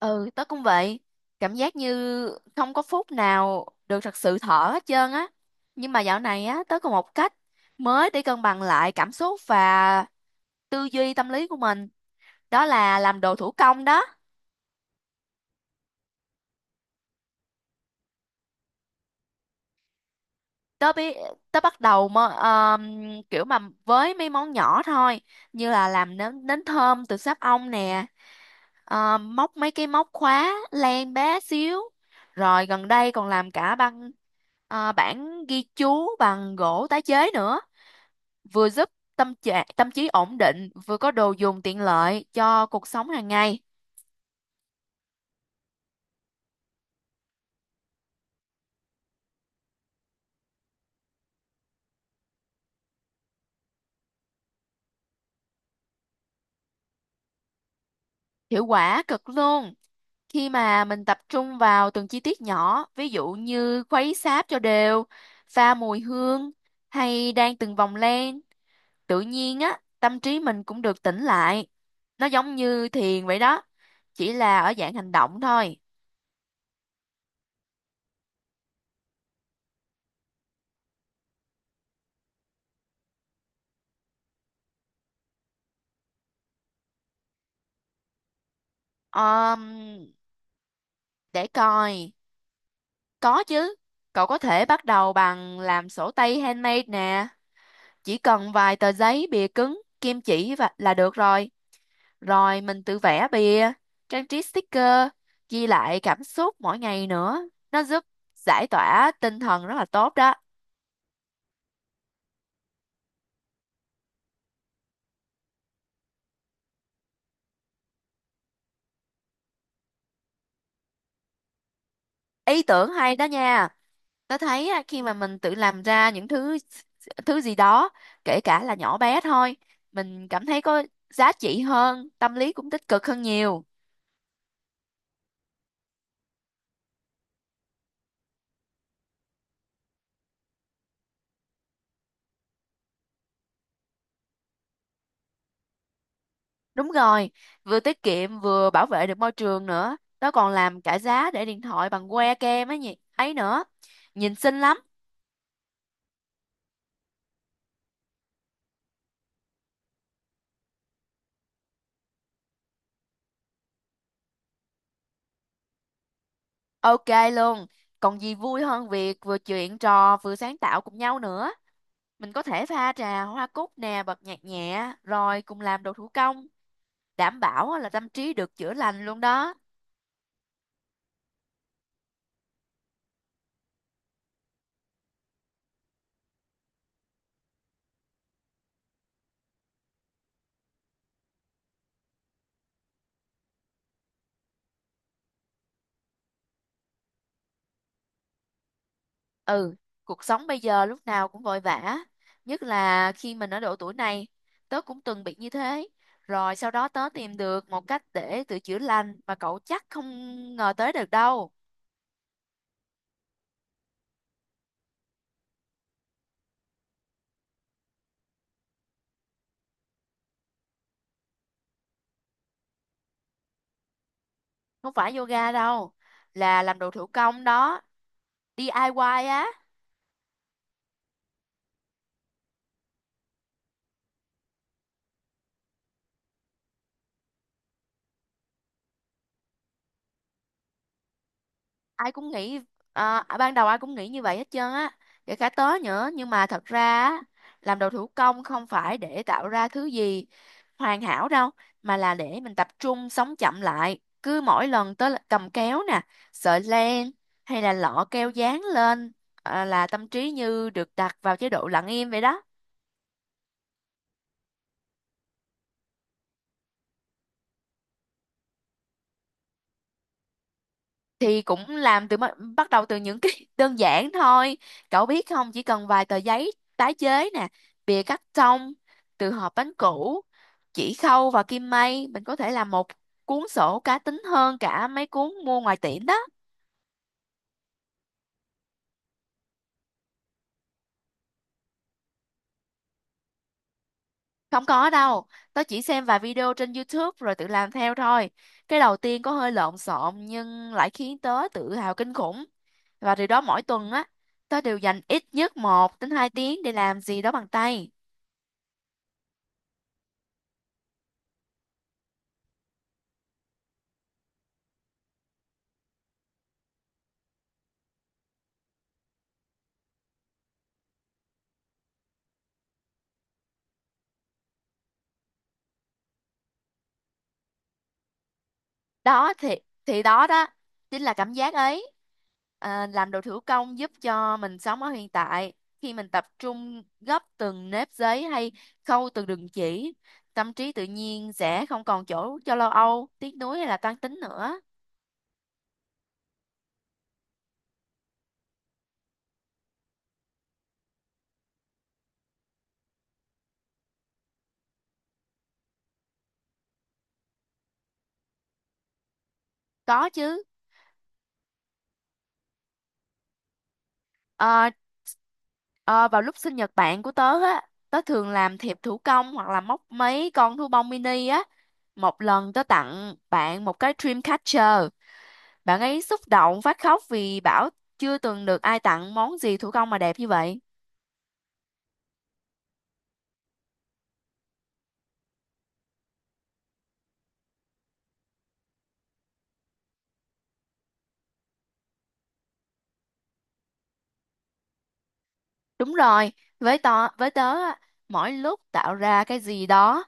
Ừ, tớ cũng vậy. Cảm giác như không có phút nào được thật sự thở hết trơn á. Nhưng mà dạo này á, tớ có một cách mới để cân bằng lại cảm xúc và tư duy tâm lý của mình. Đó là làm đồ thủ công đó. Tớ biết tớ bắt đầu mà, kiểu mà với mấy món nhỏ thôi, như là làm nến nến thơm từ sáp ong nè, móc mấy cái móc khóa len bé xíu, rồi gần đây còn làm cả bảng ghi chú bằng gỗ tái chế nữa, vừa giúp tâm trí ổn định, vừa có đồ dùng tiện lợi cho cuộc sống hàng ngày. Hiệu quả cực luôn. Khi mà mình tập trung vào từng chi tiết nhỏ, ví dụ như khuấy sáp cho đều, pha mùi hương, hay đan từng vòng len, tự nhiên á tâm trí mình cũng được tĩnh lại, nó giống như thiền vậy đó, chỉ là ở dạng hành động thôi. Ờm, để coi, có chứ. Cậu có thể bắt đầu bằng làm sổ tay handmade nè, chỉ cần vài tờ giấy bìa cứng, kim chỉ và là được rồi. Rồi mình tự vẽ bìa, trang trí sticker, ghi lại cảm xúc mỗi ngày nữa. Nó giúp giải tỏa tinh thần rất là tốt đó. Ý tưởng hay đó nha. Tớ thấy á, khi mà mình tự làm ra những thứ thứ gì đó, kể cả là nhỏ bé thôi, mình cảm thấy có giá trị hơn, tâm lý cũng tích cực hơn nhiều. Đúng rồi, vừa tiết kiệm vừa bảo vệ được môi trường nữa. Tớ còn làm cả giá để điện thoại bằng que kem ấy nhỉ, ấy nữa. Nhìn xinh lắm. Ok luôn. Còn gì vui hơn việc vừa chuyện trò vừa sáng tạo cùng nhau nữa. Mình có thể pha trà hoa cúc nè, bật nhạc nhẹ, rồi cùng làm đồ thủ công. Đảm bảo á là tâm trí được chữa lành luôn đó. Ừ, cuộc sống bây giờ lúc nào cũng vội vã. Nhất là khi mình ở độ tuổi này, tớ cũng từng bị như thế. Rồi sau đó tớ tìm được một cách để tự chữa lành mà cậu chắc không ngờ tới được đâu. Không phải yoga đâu, là làm đồ thủ công đó, DIY á. Ai cũng nghĩ à, Ban đầu ai cũng nghĩ như vậy hết trơn á, kể cả tớ nữa, nhưng mà thật ra á, làm đồ thủ công không phải để tạo ra thứ gì hoàn hảo đâu, mà là để mình tập trung sống chậm lại. Cứ mỗi lần tớ là cầm kéo nè, sợi len, hay là lọ keo dán lên, là tâm trí như được đặt vào chế độ lặng im vậy đó. Thì cũng làm từ bắt bắt đầu từ những cái đơn giản thôi. Cậu biết không, chỉ cần vài tờ giấy tái chế nè, bìa cắt tông từ hộp bánh cũ, chỉ khâu và kim may, mình có thể làm một cuốn sổ cá tính hơn cả mấy cuốn mua ngoài tiệm đó. Không có đâu, tớ chỉ xem vài video trên YouTube rồi tự làm theo thôi. Cái đầu tiên có hơi lộn xộn nhưng lại khiến tớ tự hào kinh khủng, và từ đó mỗi tuần á, tớ đều dành ít nhất một đến hai tiếng để làm gì đó bằng tay. Đó thì thì đó đó chính là cảm giác ấy. Làm đồ thủ công giúp cho mình sống ở hiện tại. Khi mình tập trung gấp từng nếp giấy hay khâu từng đường chỉ, tâm trí tự nhiên sẽ không còn chỗ cho lo âu, tiếc nuối hay là toan tính nữa. Có chứ. Ờ, ờ, Vào lúc sinh nhật bạn của tớ á, tớ thường làm thiệp thủ công hoặc là móc mấy con thú bông mini á. Một lần tớ tặng bạn một cái dream catcher. Bạn ấy xúc động phát khóc vì bảo chưa từng được ai tặng món gì thủ công mà đẹp như vậy. Đúng rồi, với tớ á, mỗi lúc tạo ra cái gì đó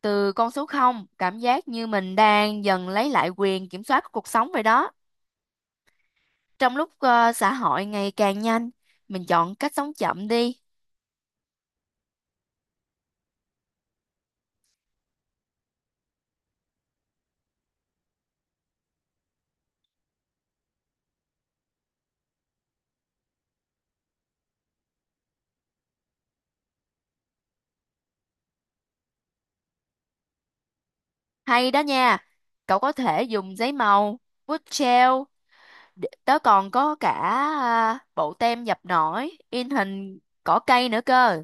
từ con số không, cảm giác như mình đang dần lấy lại quyền kiểm soát của cuộc sống vậy đó. Trong lúc xã hội ngày càng nhanh, mình chọn cách sống chậm đi. Hay đó nha, cậu có thể dùng giấy màu, bút gel, tớ còn có cả bộ tem dập nổi, in hình cỏ cây nữa cơ.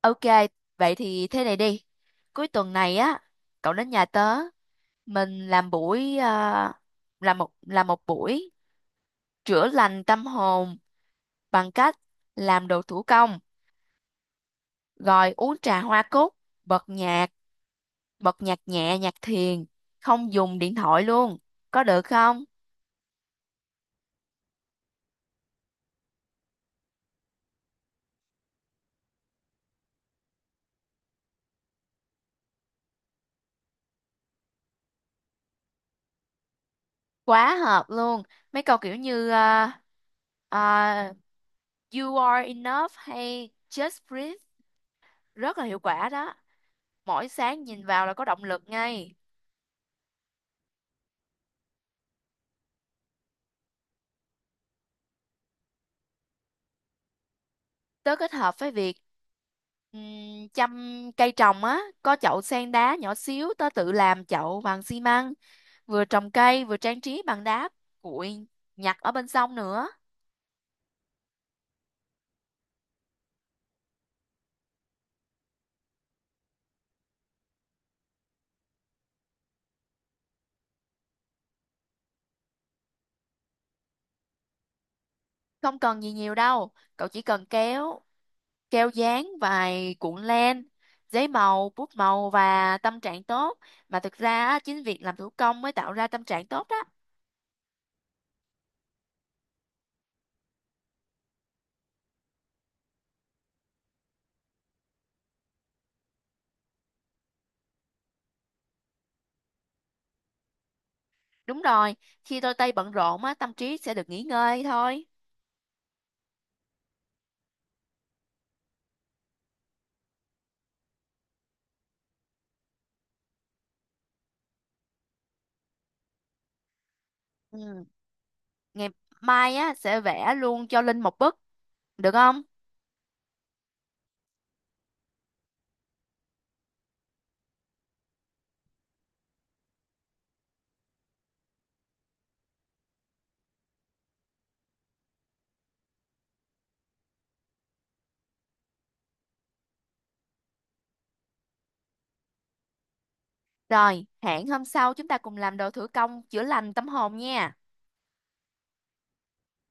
Ok, vậy thì thế này đi. Cuối tuần này á, cậu đến nhà tớ, mình làm làm một buổi chữa lành tâm hồn bằng cách làm đồ thủ công, rồi uống trà hoa cúc, bật nhạc, bật nhạc nhẹ, nhạc thiền, không dùng điện thoại luôn. Có được không? Quá hợp luôn. Mấy câu kiểu như à, You are enough hay Just breathe rất là hiệu quả đó. Mỗi sáng nhìn vào là có động lực ngay. Tớ kết hợp với việc chăm cây trồng á, có chậu sen đá nhỏ xíu tớ tự làm chậu bằng xi măng, vừa trồng cây vừa trang trí bằng đá cuội nhặt ở bên sông nữa. Không cần gì nhiều đâu, cậu chỉ cần kéo, keo dán, vài cuộn len, giấy màu, bút màu và tâm trạng tốt. Mà thực ra á, chính việc làm thủ công mới tạo ra tâm trạng tốt đó. Đúng rồi, khi đôi tay bận rộn á, tâm trí sẽ được nghỉ ngơi thôi. Ừ. Ngày mai á sẽ vẽ luôn cho Linh một bức, được không? Rồi, hẹn hôm sau chúng ta cùng làm đồ thủ công chữa lành tâm hồn nha.